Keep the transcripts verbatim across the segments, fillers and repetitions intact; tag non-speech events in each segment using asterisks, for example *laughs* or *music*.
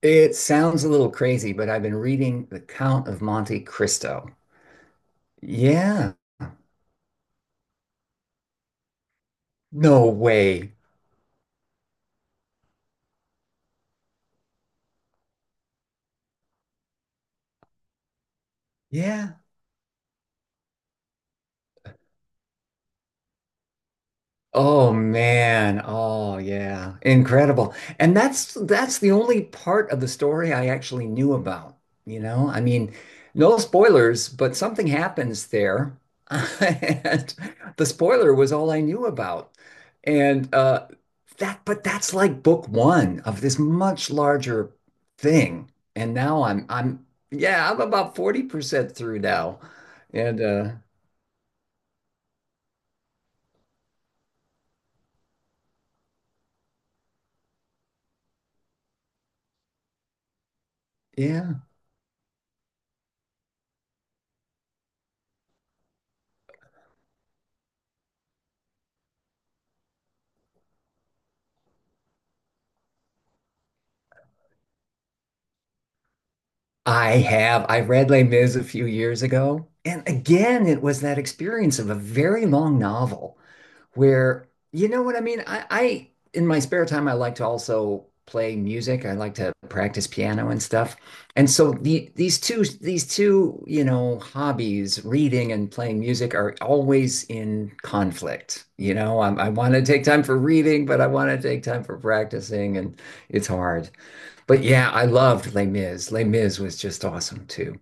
It sounds a little crazy, but I've been reading The Count of Monte Cristo. Yeah. No way. Yeah. Oh man. Oh yeah. Incredible. And that's that's the only part of the story I actually knew about, you know? I mean, no spoilers, but something happens there. *laughs* And the spoiler was all I knew about. And uh that but that's like book one of this much larger thing. And now I'm I'm yeah, I'm about forty percent through now. And uh yeah. I have. I read Les Mis a few years ago, and again, it was that experience of a very long novel where you know what I mean? I, I in my spare time I like to also play music. I like to practice piano and stuff. And so the these two these two, you know, hobbies, reading and playing music are always in conflict. You know, i I want to take time for reading, but I want to take time for practicing and it's hard. But yeah, I loved Les Mis. Les Mis was just awesome too.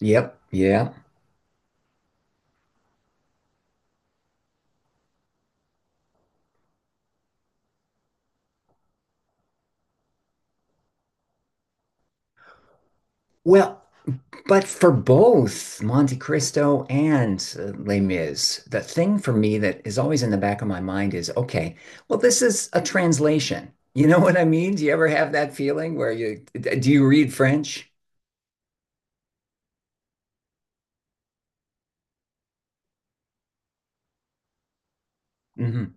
Yep. Yeah. Well, but for both Monte Cristo and uh, Les Mis, the thing for me that is always in the back of my mind is, okay, well, this is a translation. You know *laughs* what I mean? Do you ever have that feeling where you do you read French? Hmm.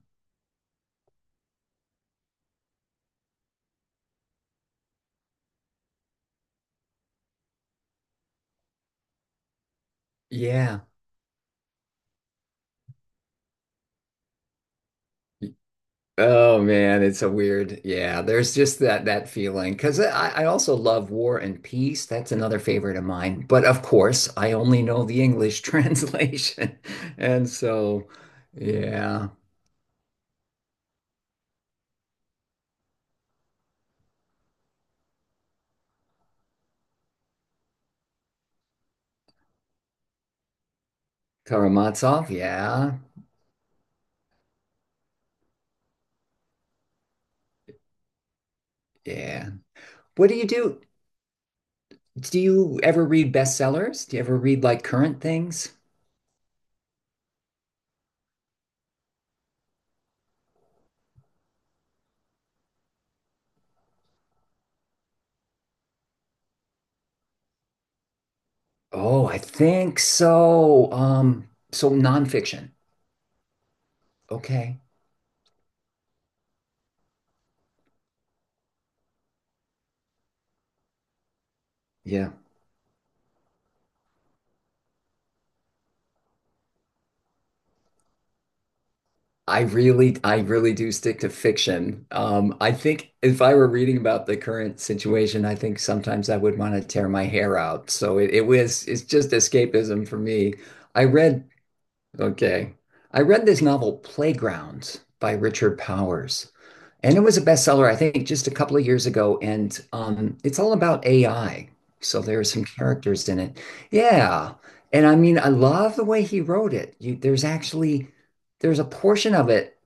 Yeah. Oh man, it's a weird. Yeah, there's just that that feeling because I, I also love War and Peace. That's another favorite of mine. But of course, I only know the English *laughs* translation, and so yeah. Karamazov, yeah. Yeah. What do you do? Do you ever read bestsellers? Do you ever read like current things? Oh, I think so. Um, so nonfiction. Okay. Yeah. I really, I really do stick to fiction. Um, I think if I were reading about the current situation, I think sometimes I would want to tear my hair out. So it, it was, it's just escapism for me. I read, okay. I read this novel, Playgrounds by Richard Powers. And it was a bestseller, I think, just a couple of years ago. And um, it's all about A I. So there are some characters in it. Yeah. And I mean, I love the way he wrote it. You, there's actually there's a portion of it.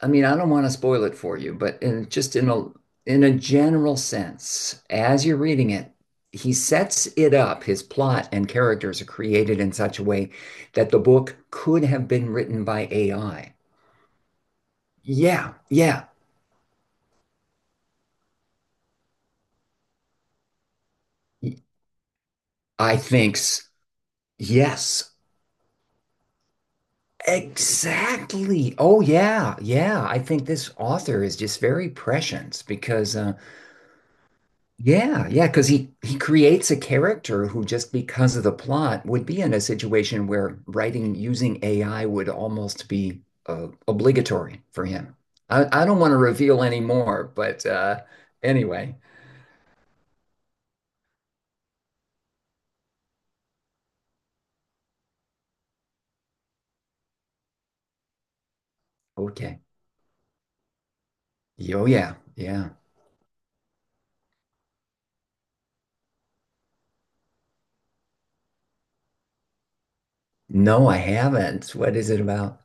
I mean, I don't want to spoil it for you, but in, just in a in a general sense, as you're reading it, he sets it up. His plot and characters are created in such a way that the book could have been written by A I. Yeah, yeah. I think. Yes, exactly. Oh yeah, yeah. I think this author is just very prescient because uh yeah, yeah, because he he creates a character who just because of the plot would be in a situation where writing using A I would almost be uh, obligatory for him. I, I don't want to reveal any more, but uh anyway. Okay. Oh yeah, yeah. No, I haven't. What is it about?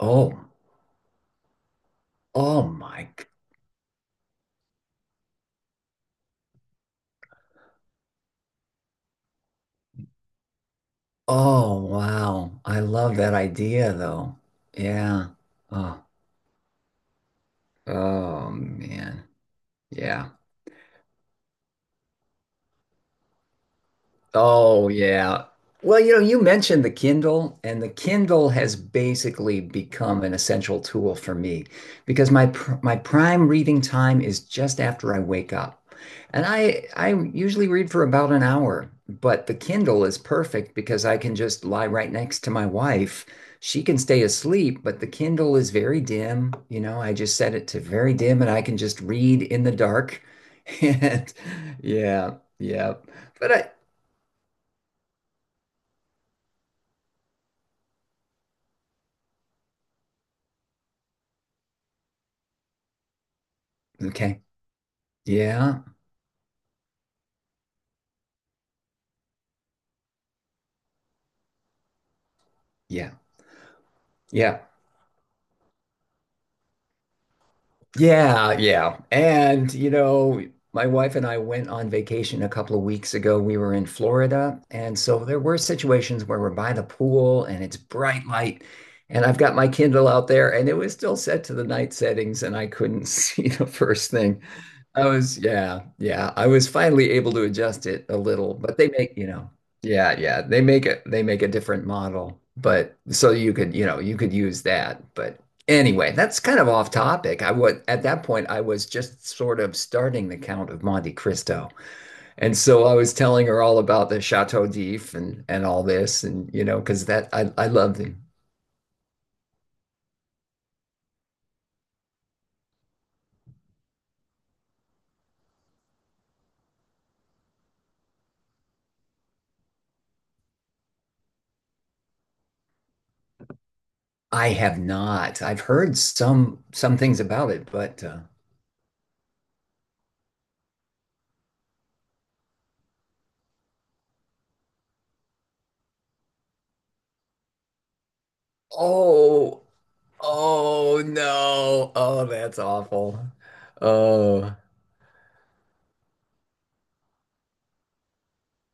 Oh, oh my. Oh, wow. I love that idea though. Yeah. Oh, oh man. Yeah. Oh, yeah. Well, you know, you mentioned the Kindle, and the Kindle has basically become an essential tool for me because my pr my prime reading time is just after I wake up. And I I usually read for about an hour, but the Kindle is perfect because I can just lie right next to my wife. She can stay asleep, but the Kindle is very dim. You know, I just set it to very dim and I can just read in the dark. *laughs* And yeah, yeah. But I. Okay. Yeah. Yeah. Yeah. Yeah, yeah. And, you know, my wife and I went on vacation a couple of weeks ago. We were in Florida. And so there were situations where we're by the pool and it's bright light. And I've got my Kindle out there and it was still set to the night settings and I couldn't *laughs* see the first thing. I was, yeah, yeah. I was finally able to adjust it a little, but they make, you know, yeah, yeah. They make it, they make a different model. But so you could, you know, you could use that. But anyway, that's kind of off topic. I was at that point, I was just sort of starting the Count of Monte Cristo. And so I was telling her all about the Chateau d'If and and all this and you know, because that I I love the. I have not. I've heard some some things about it, but uh, oh, oh no. Oh, that's awful. Oh,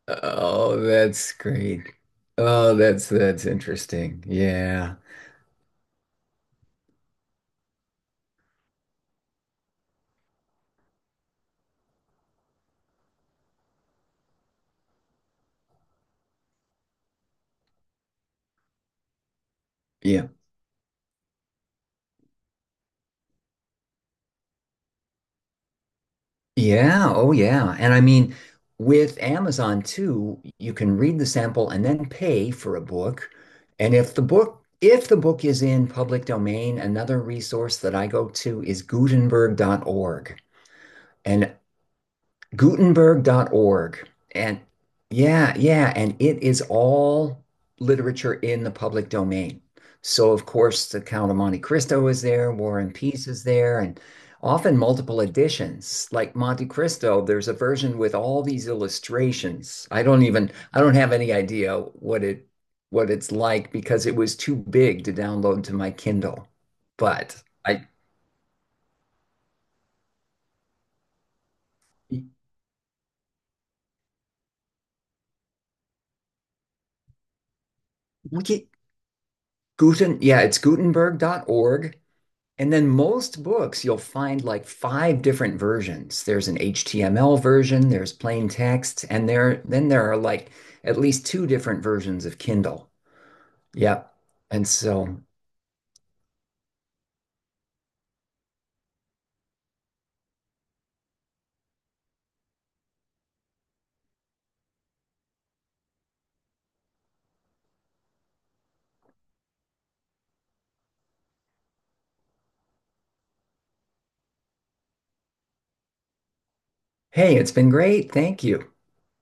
oh, that's great. Oh, that's that's interesting. Yeah. Yeah. Yeah, oh yeah. And I mean, with Amazon too, you can read the sample and then pay for a book. And if the book if the book is in public domain, another resource that I go to is Gutenberg dot org. And Gutenberg dot org, and yeah, yeah, and it is all literature in the public domain. So, of course, the Count of Monte Cristo is there, War and Peace is there, and often multiple editions. Like Monte Cristo, there's a version with all these illustrations. I don't even, I don't have any idea what it what it's like because it was too big to download to my Kindle. But I look at Guten, yeah, it's Gutenberg dot org. And then most books, you'll find like five different versions. There's an H T M L version, there's plain text, and there then there are like at least two different versions of Kindle. Yep. And so, hey, it's been great. Thank you.